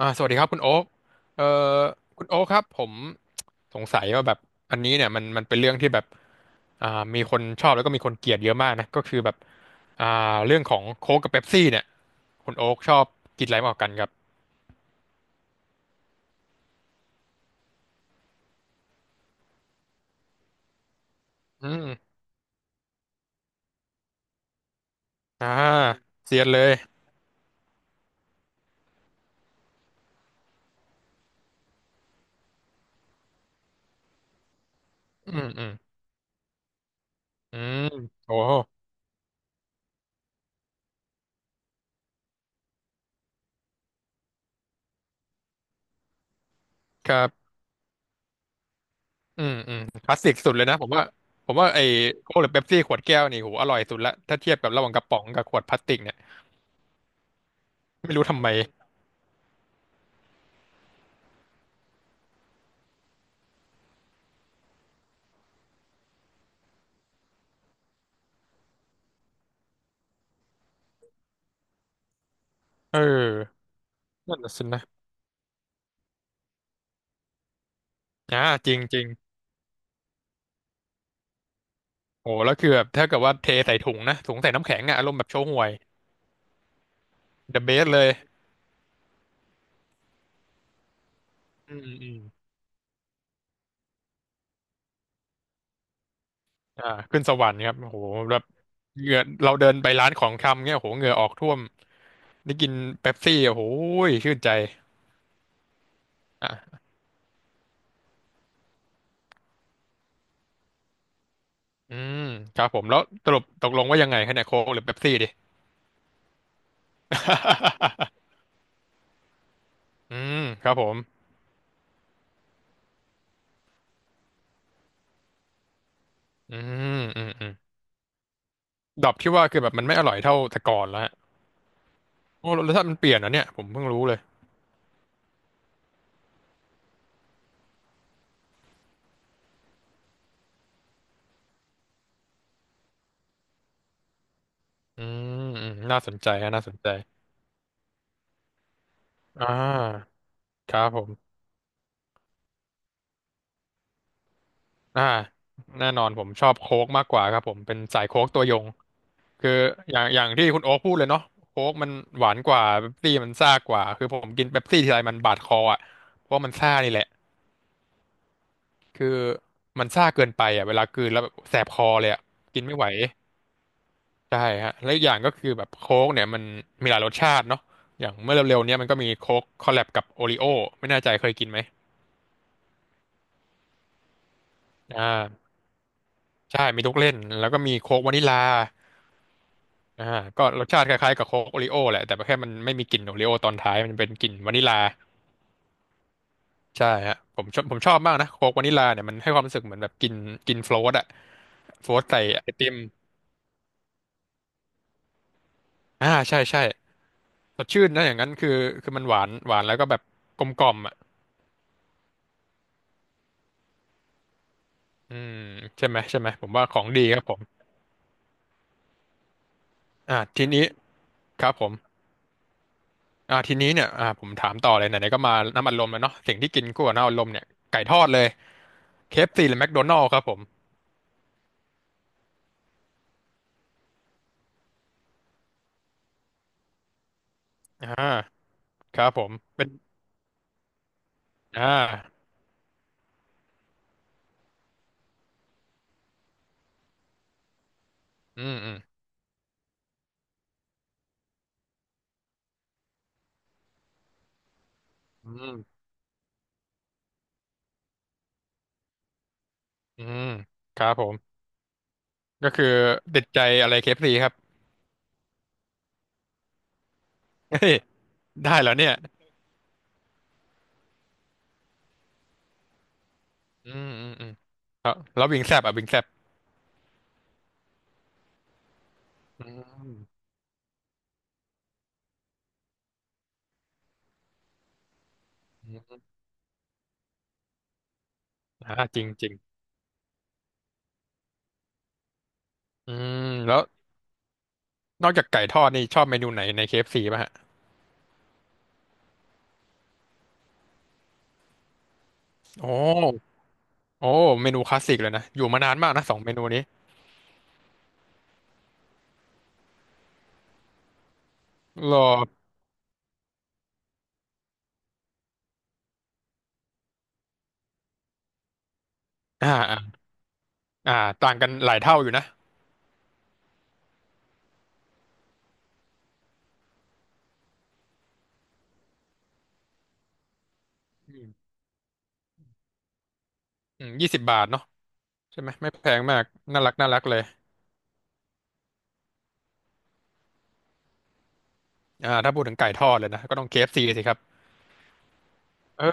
สวัสดีครับคุณโอ๊คเอ่อคุณโอ๊คครับผมสงสัยว่าแบบอันนี้เนี่ยมันเป็นเรื่องที่แบบอ่ามีคนชอบแล้วก็มีคนเกลียดเยอะมากนะก็คือแบบอ่าเรื่องของโค้กกับเป๊ปซี่เนี่ยคุณโอ๊คชอบกินอะไรมากกว่ากันครับอืมอ่าเซียนเลยอืมอืมอืมโอ้ครับอืมอืมคลาสสิกสุดเลยนะผมว่าผมว่าไอ้โค้กหรือเป๊ปซี่ขวดแก้วนี่โหอร่อยสุดละถ้าเทียบกับระหว่างกระป๋องกับขวดพลาสติกเนี่ยไม่รู้ทำไมเออนั่นน่ะสินะ อ่าจริงจริงโอ้แล้วคือแบบถ้าเกิดว่าเทใส่ถุงนะถุงใส่น้ำแข็งอะอารมณ์แบบโชห่วย The best เลยอืมอืมอ่าขึ้นสวรรค์ครับโอ้โหแบบเหงื่อเราเดินไปร้านของชำเนี่ยโอ้โหเหงื่อออกท่วมได้กินเป๊ปซี่โอ้โหชื่นใจอ่ะอืมครับผมแล้วสรุปตกลงว่ายังไงคะเนี่ยโค้กหรือเป๊ปซี่ดิ อืมครับผมอืมอืมอืมดรอปที่ว่าคือแบบมันไม่อร่อยเท่าแต่ก่อนแล้วฮะโอ้รสชาติมันเปลี่ยนเหรอเนี่ยผมเพิ่งรู้เลยอืมอืมน่าสนใจฮะน่าสนใจอ่า ครับผมอ่าแน่นอนผมชอบโค้กมากกว่าครับผมเป็นสายโค้กตัวยงคืออย่างที่คุณโอ๊คพูดเลยเนาะโค้กมันหวานกว่าเป๊ปซี่มันซ่ากว่าคือผมกินเป๊ปซี่ทีไรมันบาดคออ่ะเพราะมันซ่านี่แหละคือมันซ่าเกินไปอ่ะเวลากลืนแล้วแบบแสบคอเลยอ่ะกินไม่ไหวใช่ฮะแล้วอกอย่างก็คือแบบโค้กเนี่ยมันมีหลายรสชาติเนาะอย่างเมื่อเร็วๆเนี้ยมันก็มีโค้กคอลแลบกับโอริโอไม่แน่ใจเคยกินไหมอ่าใช่มีทุกเล่นแล้วก็มีโค้กวานิลา อ่าก็รสชาติคล้ายๆกับโค้กโอริโอแหละแต่แค่มันไม่มีกลิ่นโอริโอตอนท้ายมันเป็นกลิ่นวานิลลาใช่ฮะผมชอบผมชอบมากนะโค้กวานิลลาเนี่ยมันให้ความรู้สึกเหมือนแบบกินกินโฟลตอะโฟลตใส่ไอติมใช่ใช่สดชื่นนะอย่างนั้นคือคือมันหวานหวานแล้วก็แบบกลมกล่อมอ่ะอืมใช่ไหมใช่ไหมผมว่าของดีครับผมอ่าทีนี้ครับผมทีนี้เนี่ยผมถามต่อเลยไหนๆก็มาน้ำอัดลมแล้วเนาะสิ่งที่กินคู่กับน้ำอัดลมเนี่ยไก่ทอดเลย KFC หรือแมคโดนัลด์ครับผมอ่าครับผมเป็น อ่าอืมอืมอืมอืมครับผมก็คือติดใจอะไรเคเอฟ f c ครับ เฮ้ยได้แล้วเนี่ยอืมอืมอืมแล้วแล้ววิงแซบอ่ะวิงแซบอืมอมจริงจริงอืมแล้วนอกจากไก่ทอดนี่ชอบเมนูไหนในเคเอฟ f c ป่ะฮะ โอ้โอ้เมนูคลาสสิกเลยนะ อยู่มานานมากนะสองเมนูนี้รออ่าอ่าอ่าต่างกันหลายเท่าอยู่นะอืมอืม20 บาทเนาะใช่ไหม ไม่แพงมาก น่ารักน่ารักเลยถ้าพูดถึงไก่ทอดเลยนะก็ต้อง KFC สิครับ เออ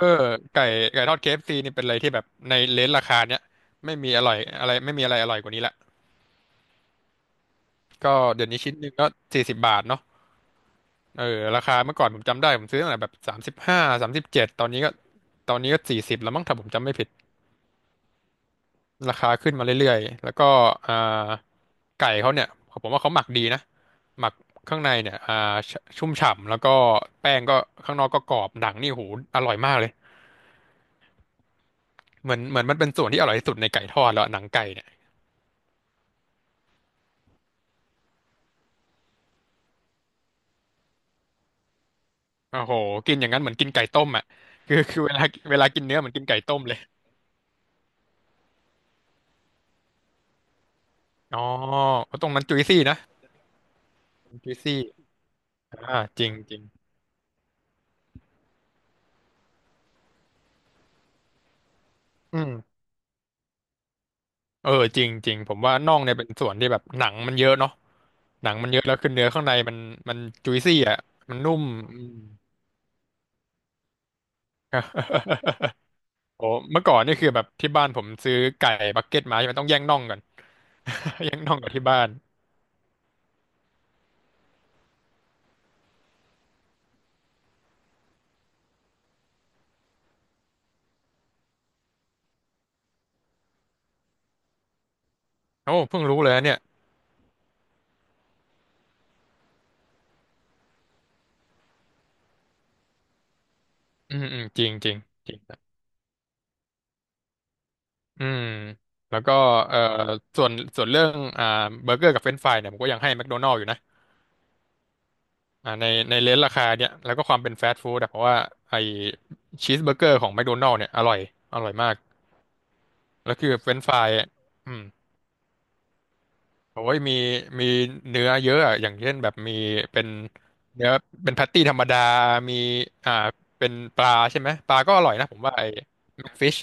ไก่ไก่ทอด KFC นี่เป็นอะไรที่แบบในเลนจ์ราคาเนี้ยไม่มีอร่อยอะไรไม่มีอะไรอร่อยกว่านี้ละก็เดี๋ยวนี้ชิ้นหนึ่งก็40 บาทเนาะเออราคาเมื่อก่อนผมจำได้ผมซื้อตั้งแต่แบบ3537ตอนนี้ก็สี่สิบแล้วมั้งถ้าผมจำไม่ผิดราคาขึ้นมาเรื่อยๆแล้วก็อ่าไก่เขาเนี่ยผมว่าเขาหมักดีนะหมักข้างในเนี่ยชชุ่มฉ่ำแล้วก็แป้งก็ข้างนอกก็กรอบหนังนี่โหอร่อยมากเลยเหมือนเหมือนมันเป็นส่วนที่อร่อยที่สุดในไก่ทอดแล้วอะหนังไก่เนี่ย โอ้โหกินอย่างนั้นเหมือนกินไก่ต้มอ่ะคือคือเวลาเวลากินเนื้อเหมือนกินไก่ต้มเลยอ๋อตรงนั้นจุยซี่นะจุยซี่จริงจริงอืมเออจริงจริงผมว่าน่องเนี่ยเป็นส่วนที่แบบหนังมันเยอะเนาะหนังมันเยอะแล้วคือเนื้อข้างในมันมันจุยซี่อ่ะมันนุ่มอืม โอ้เมื่อก่อนนี่คือแบบที่บ้านผมซื้อไก่บักเก็ตมาใช่ไหมต้องแย่งน่องกัน แย่งน่องกับที่บ้านโอ้เพิ่งรู้เลยนะเนี่ยอืมอืมจริงจริงจริง อืม แล้วก็เอ่อส่วนส่วนเรื่องอ่าเบอร์เกอร์กับเฟรนช์ฟรายเนี่ยผมก็ยังให้แม d โดนัล s อยู่นะในเลนราคาเนี่ยแล้วก็ความเป็นฟาสต์ฟู้ดอะเพราะว่าไอชีสเบอร์เกอร์ของแม d โดนัล s เนี่ยอร่อยมาก แล้วคือเฟรนช์ฟรายอืมโอ้ยมีเนื้อเยอะอะอย่างเช่นแบบมีเป็นเนื้อเป็นแพตตี้ธรรมดา มีอ่าเป็นปลาใช่ไหมปลาก็อร่อยนะผมว่าไอแมกฟิช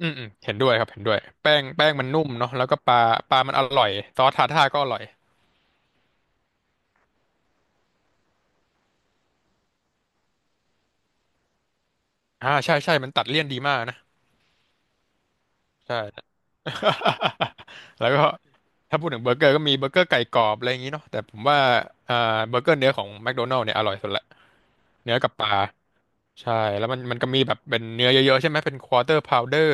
อืมอืมเห็นด้วยครับ เห็นด้วยแป้งมันนุ่มเนาะแล้วก็ปลามันอร่อยซอสทาร์ทาร์ก็อร่อย ใช่ใช่มันตัดเลี่ยนดีมากนะใช่ แล้วก็ถ้าพูดถึงเบอร์เกอร์ก็มีเบอร์เกอร์ไก่กรอบอะไรอย่างนี้เนาะแต่ผมว่าอ่าเบอร์เกอร์เนื้อของแมคโดนัลด์เนี่ยอร่อยสุดละเนื้อกับปลาใช่แล้วมันก็มีแบบเป็นเนื้อเยอะๆใช่ไหมเป็นควอเตอร์พาวเดอร์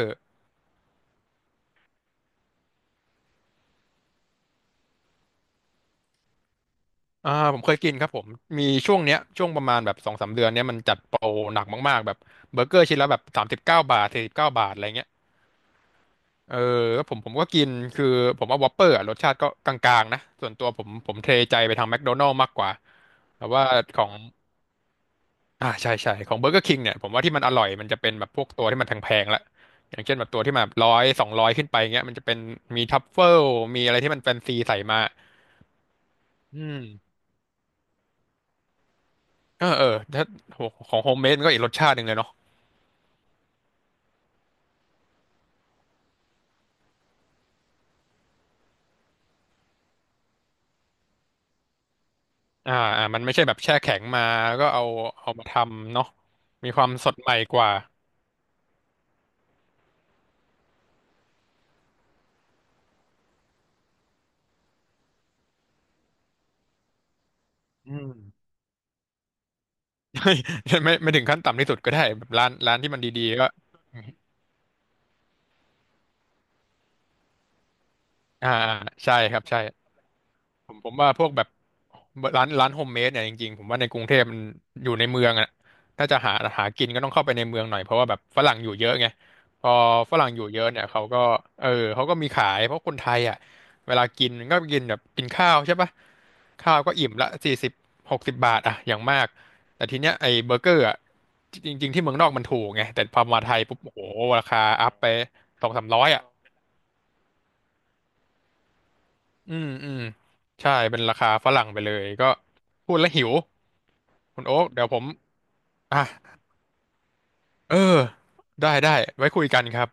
ผมเคยกินครับผมมีช่วงเนี้ยช่วงประมาณแบบสองสามเดือนเนี้ยมันจัดโปรหนักมากๆแบบเบอร์เกอร์ชิ้นละแบบ39 บาท49 บาทอะไรเงี้ย เออแล้วผมก็กินคือผมว่าวอปเปอร์อะรสชาติก็กลางๆนะ ส่วนตัวผมเทใจไปทางแมคโดนัล s ์มากกว่าแต่ว่าของใช่ใช่ของเบอร์เกอร์คิงเนี่ยผมว่าที่มันอร่อยมันจะเป็นแบบพวกตัวที่มันแพงๆละอย่างเช่นแบบตัวที่มาร้อยสองร้อยขึ้นไปเงี้ยมันจะเป็นมีทัฟเฟิลมีอะไรที่มันแฟนซีใส่มาอืมเออเออถ้าของโฮมเมดมันก็อีกรสชาติหนึ่งเลยเนาะมันไม่ใช่แบบแช่แข็งมาแล้วก็เอามาทำเนาะมีความสดใหม่กว่าอืม ไม่ ไม่ไม่ถึงขั้นต่ำที่สุดก็ได้แบบร้านที่มันดีๆก็อ่าใช่ครับใช่ ผมว่าพวกแบบร้านโฮมเมดเนี่ยจริงๆผมว่าในกรุงเทพมันอยู่ในเมืองอ่ะถ้าจะหากินก็ต้องเข้าไปในเมืองหน่อยเพราะว่าแบบฝรั่งอยู่เยอะไงพอฝรั่งอยู่เยอะเนี่ยเขาก็เออเขาก็มีขายเพราะคนไทยอ่ะเวลากินก็กินแบบกินข้าวใช่ปะข้าวก็อิ่มละสี่สิบหกสิบบาทอ่ะอย่างมากแต่ทีเนี้ยไอ้เบอร์เกอร์อ่ะจริงๆที่เมืองนอกมันถูกไงแต่พอมาไทยปุ๊บโอ้โหราคาอัพไปสองสามร้อยอ่ะ อืมอืมใช่เป็นราคาฝรั่งไปเลยก็พูดแล้วหิวคุณโอ๊คเดี๋ยวผมอ่ะเออได้ได้ไว้คุยกันครับ